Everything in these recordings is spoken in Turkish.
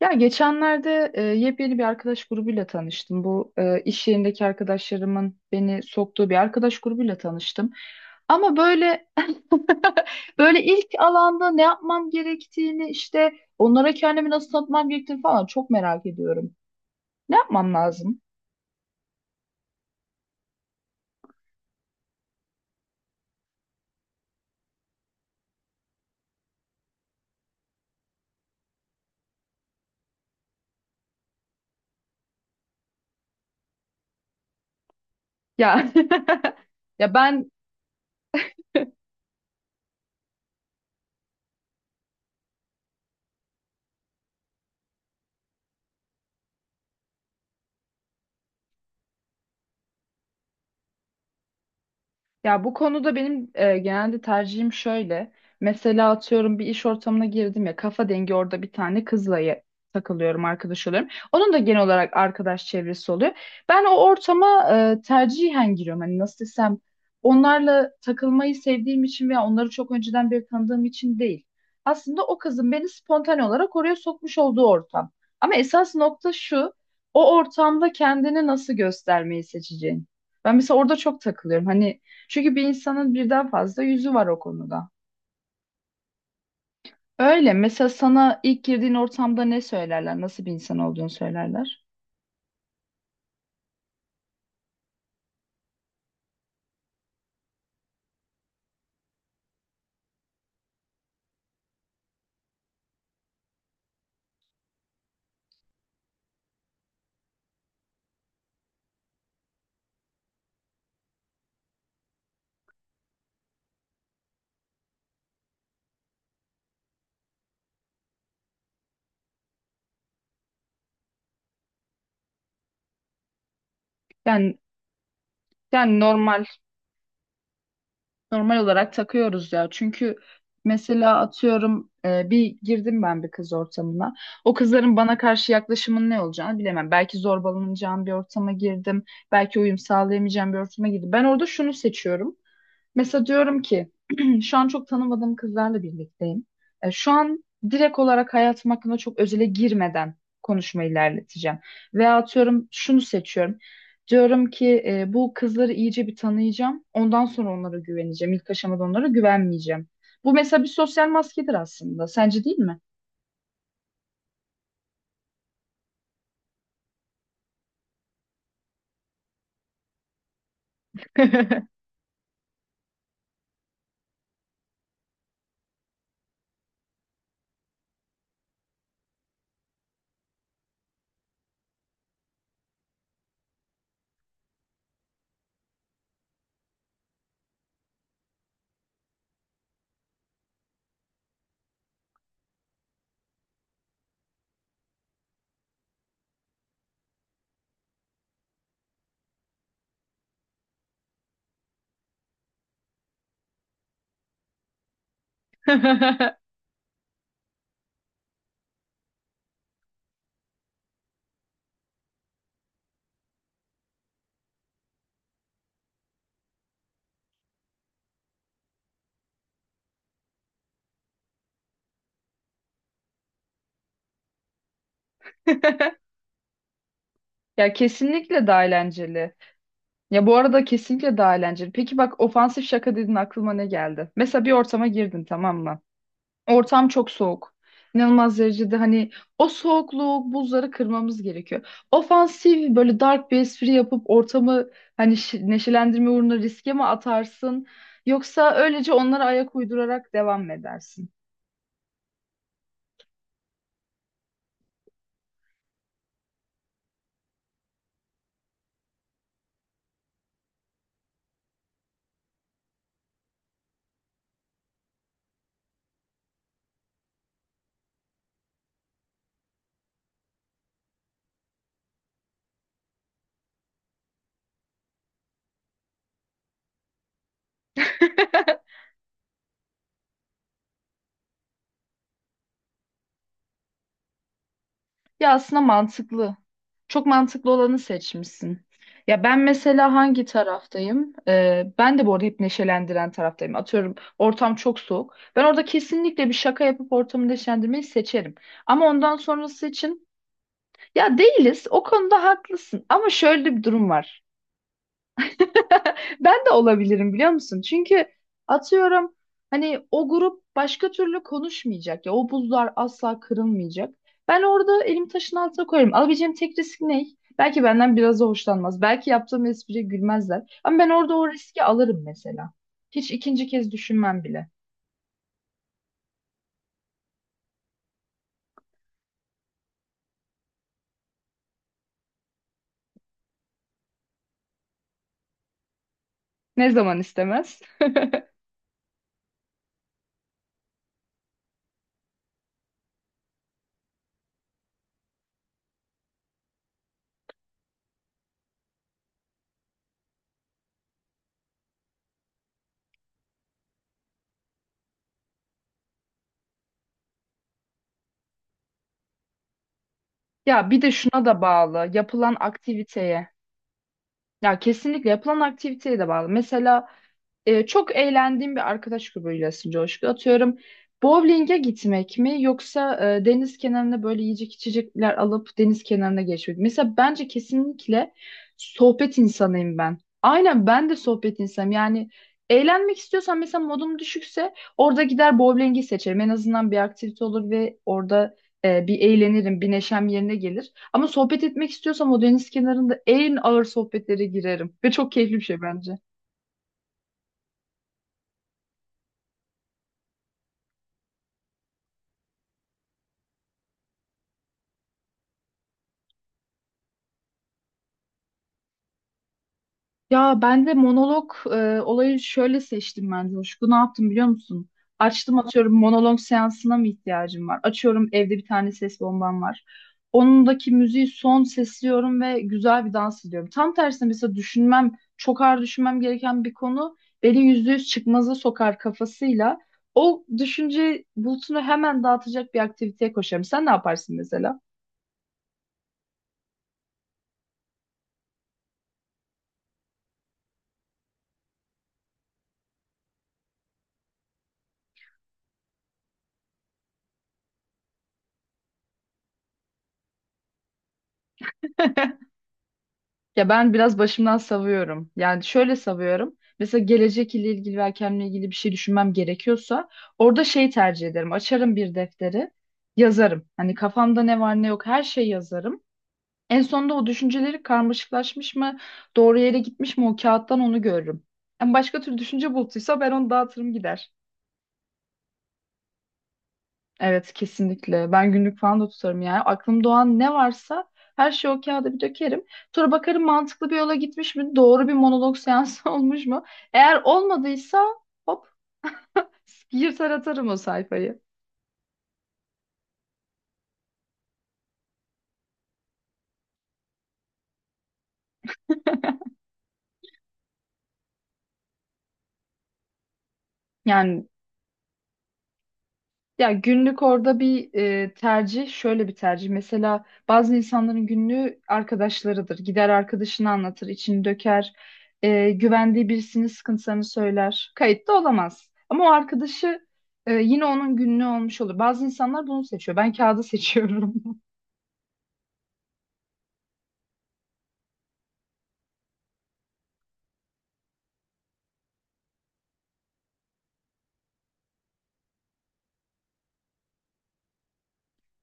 Ya geçenlerde yepyeni bir arkadaş grubuyla tanıştım. Bu iş yerindeki arkadaşlarımın beni soktuğu bir arkadaş grubuyla tanıştım. Ama böyle böyle ilk alanda ne yapmam gerektiğini işte onlara kendimi nasıl tanıtmam gerektiğini falan çok merak ediyorum. Ne yapmam lazım? Ya ya ben. Ya bu konuda benim genelde tercihim şöyle. Mesela atıyorum bir iş ortamına girdim ya kafa dengi orada bir tane kızla takılıyorum, arkadaş oluyorum. Onun da genel olarak arkadaş çevresi oluyor. Ben o ortama tercihen giriyorum. Hani nasıl desem, onlarla takılmayı sevdiğim için veya onları çok önceden beri tanıdığım için değil. Aslında o kızın beni spontane olarak oraya sokmuş olduğu ortam. Ama esas nokta şu, o ortamda kendini nasıl göstermeyi seçeceğin. Ben mesela orada çok takılıyorum. Hani, çünkü bir insanın birden fazla yüzü var o konuda. Öyle. Mesela sana ilk girdiğin ortamda ne söylerler? Nasıl bir insan olduğunu söylerler? Yani normal normal olarak takıyoruz ya. Çünkü mesela atıyorum, bir girdim ben bir kız ortamına. O kızların bana karşı yaklaşımın ne olacağını bilemem. Belki zorbalanacağım bir ortama girdim. Belki uyum sağlayamayacağım bir ortama girdim. Ben orada şunu seçiyorum. Mesela diyorum ki şu an çok tanımadığım kızlarla birlikteyim. Şu an direkt olarak hayatım hakkında çok özele girmeden konuşmayı ilerleteceğim. Veya atıyorum şunu seçiyorum. Diyorum ki bu kızları iyice bir tanıyacağım. Ondan sonra onlara güveneceğim. İlk aşamada onlara güvenmeyeceğim. Bu mesela bir sosyal maskedir aslında. Sence değil mi? Ya kesinlikle daha eğlenceli. Ya bu arada kesinlikle daha eğlenceli. Peki bak, ofansif şaka dedin, aklıma ne geldi? Mesela bir ortama girdin, tamam mı? Ortam çok soğuk. İnanılmaz derecede, hani o soğukluğu, buzları kırmamız gerekiyor. Ofansif böyle dark bir espri yapıp ortamı hani neşelendirme uğruna riske mi atarsın? Yoksa öylece onlara ayak uydurarak devam mı edersin? Ya aslında mantıklı. Çok mantıklı olanı seçmişsin. Ya ben mesela hangi taraftayım? Ben de bu arada hep neşelendiren taraftayım. Atıyorum ortam çok soğuk. Ben orada kesinlikle bir şaka yapıp ortamı neşelendirmeyi seçerim. Ama ondan sonrası için, ya değiliz. O konuda haklısın. Ama şöyle bir durum var. Ben de olabilirim, biliyor musun? Çünkü atıyorum, hani o grup başka türlü konuşmayacak ya, o buzlar asla kırılmayacak. Ben orada elim taşın altına koyarım. Alabileceğim tek risk ne? Belki benden biraz da hoşlanmaz. Belki yaptığım espriye gülmezler. Ama ben orada o riski alırım mesela. Hiç ikinci kez düşünmem bile. Ne zaman istemez? Ya bir de şuna da bağlı. Yapılan aktiviteye. Ya kesinlikle yapılan aktiviteye de bağlı. Mesela çok eğlendiğim bir arkadaş grubuyla aslında Coşku. Atıyorum bowling'e gitmek mi, yoksa deniz kenarına böyle yiyecek içecekler alıp deniz kenarına geçmek mi? Mesela bence kesinlikle sohbet insanıyım ben. Aynen, ben de sohbet insanım. Yani eğlenmek istiyorsan, mesela modum düşükse orada gider bowling'i seçerim. En azından bir aktivite olur ve orada bir eğlenirim, bir neşem yerine gelir. Ama sohbet etmek istiyorsam o deniz kenarında en ağır sohbetlere girerim. Ve çok keyifli bir şey bence. Ya ben de monolog olayı şöyle seçtim ben Coşku. Ne yaptım biliyor musun? Açtım atıyorum, monolog seansına mı ihtiyacım var? Açıyorum, evde bir tane ses bombam var. Onundaki müziği son sesliyorum ve güzel bir dans ediyorum. Tam tersine mesela düşünmem, çok ağır düşünmem gereken bir konu beni yüzde yüz çıkmaza sokar kafasıyla. O düşünce bulutunu hemen dağıtacak bir aktiviteye koşarım. Sen ne yaparsın mesela? Ya ben biraz başımdan savuyorum. Yani şöyle savuyorum. Mesela gelecek ile ilgili ve kendimle ilgili bir şey düşünmem gerekiyorsa orada şey tercih ederim. Açarım bir defteri, yazarım. Hani kafamda ne var ne yok her şeyi yazarım. En sonunda o düşünceleri karmaşıklaşmış mı, doğru yere gitmiş mi, o kağıttan onu görürüm. Yani başka türlü düşünce bulutuysa ben onu dağıtırım gider. Evet kesinlikle. Ben günlük falan da tutarım yani. Aklım doğan ne varsa her şeyi o kağıda bir dökerim. Sonra bakarım, mantıklı bir yola gitmiş mi? Doğru bir monolog seansı olmuş mu? Eğer olmadıysa hop, yırtar atarım o sayfayı. Yani, ya günlük orada bir şöyle bir tercih. Mesela bazı insanların günlüğü arkadaşlarıdır. Gider arkadaşını anlatır, içini döker. Güvendiği birisinin sıkıntılarını söyler. Kayıtta olamaz. Ama o arkadaşı yine onun günlüğü olmuş olur. Bazı insanlar bunu seçiyor. Ben kağıdı seçiyorum.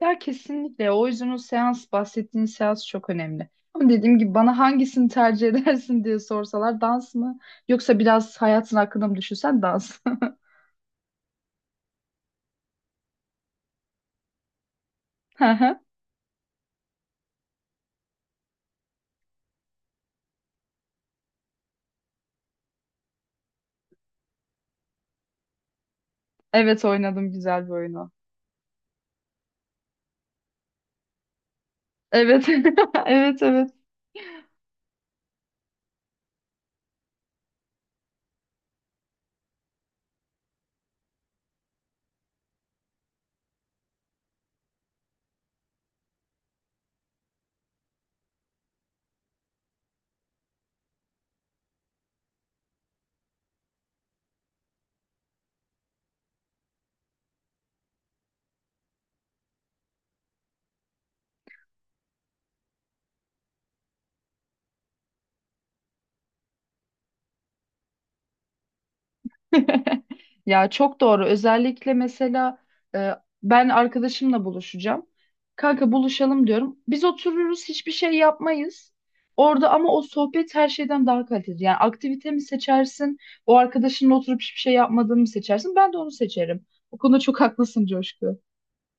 Ya kesinlikle. O yüzden o seans, bahsettiğin seans çok önemli. Ama dediğim gibi, bana hangisini tercih edersin diye sorsalar, dans mı? Yoksa biraz hayatın hakkında mı düşünsen, dans. Evet oynadım, güzel bir oyunu. Evet. Evet, evet. Ya çok doğru. Özellikle mesela e, ben arkadaşımla buluşacağım. Kanka buluşalım diyorum. Biz otururuz, hiçbir şey yapmayız. Orada ama o sohbet her şeyden daha kaliteli. Yani aktivite mi seçersin? O arkadaşınla oturup hiçbir şey yapmadığını mı seçersin? Ben de onu seçerim. O konuda çok haklısın Coşku.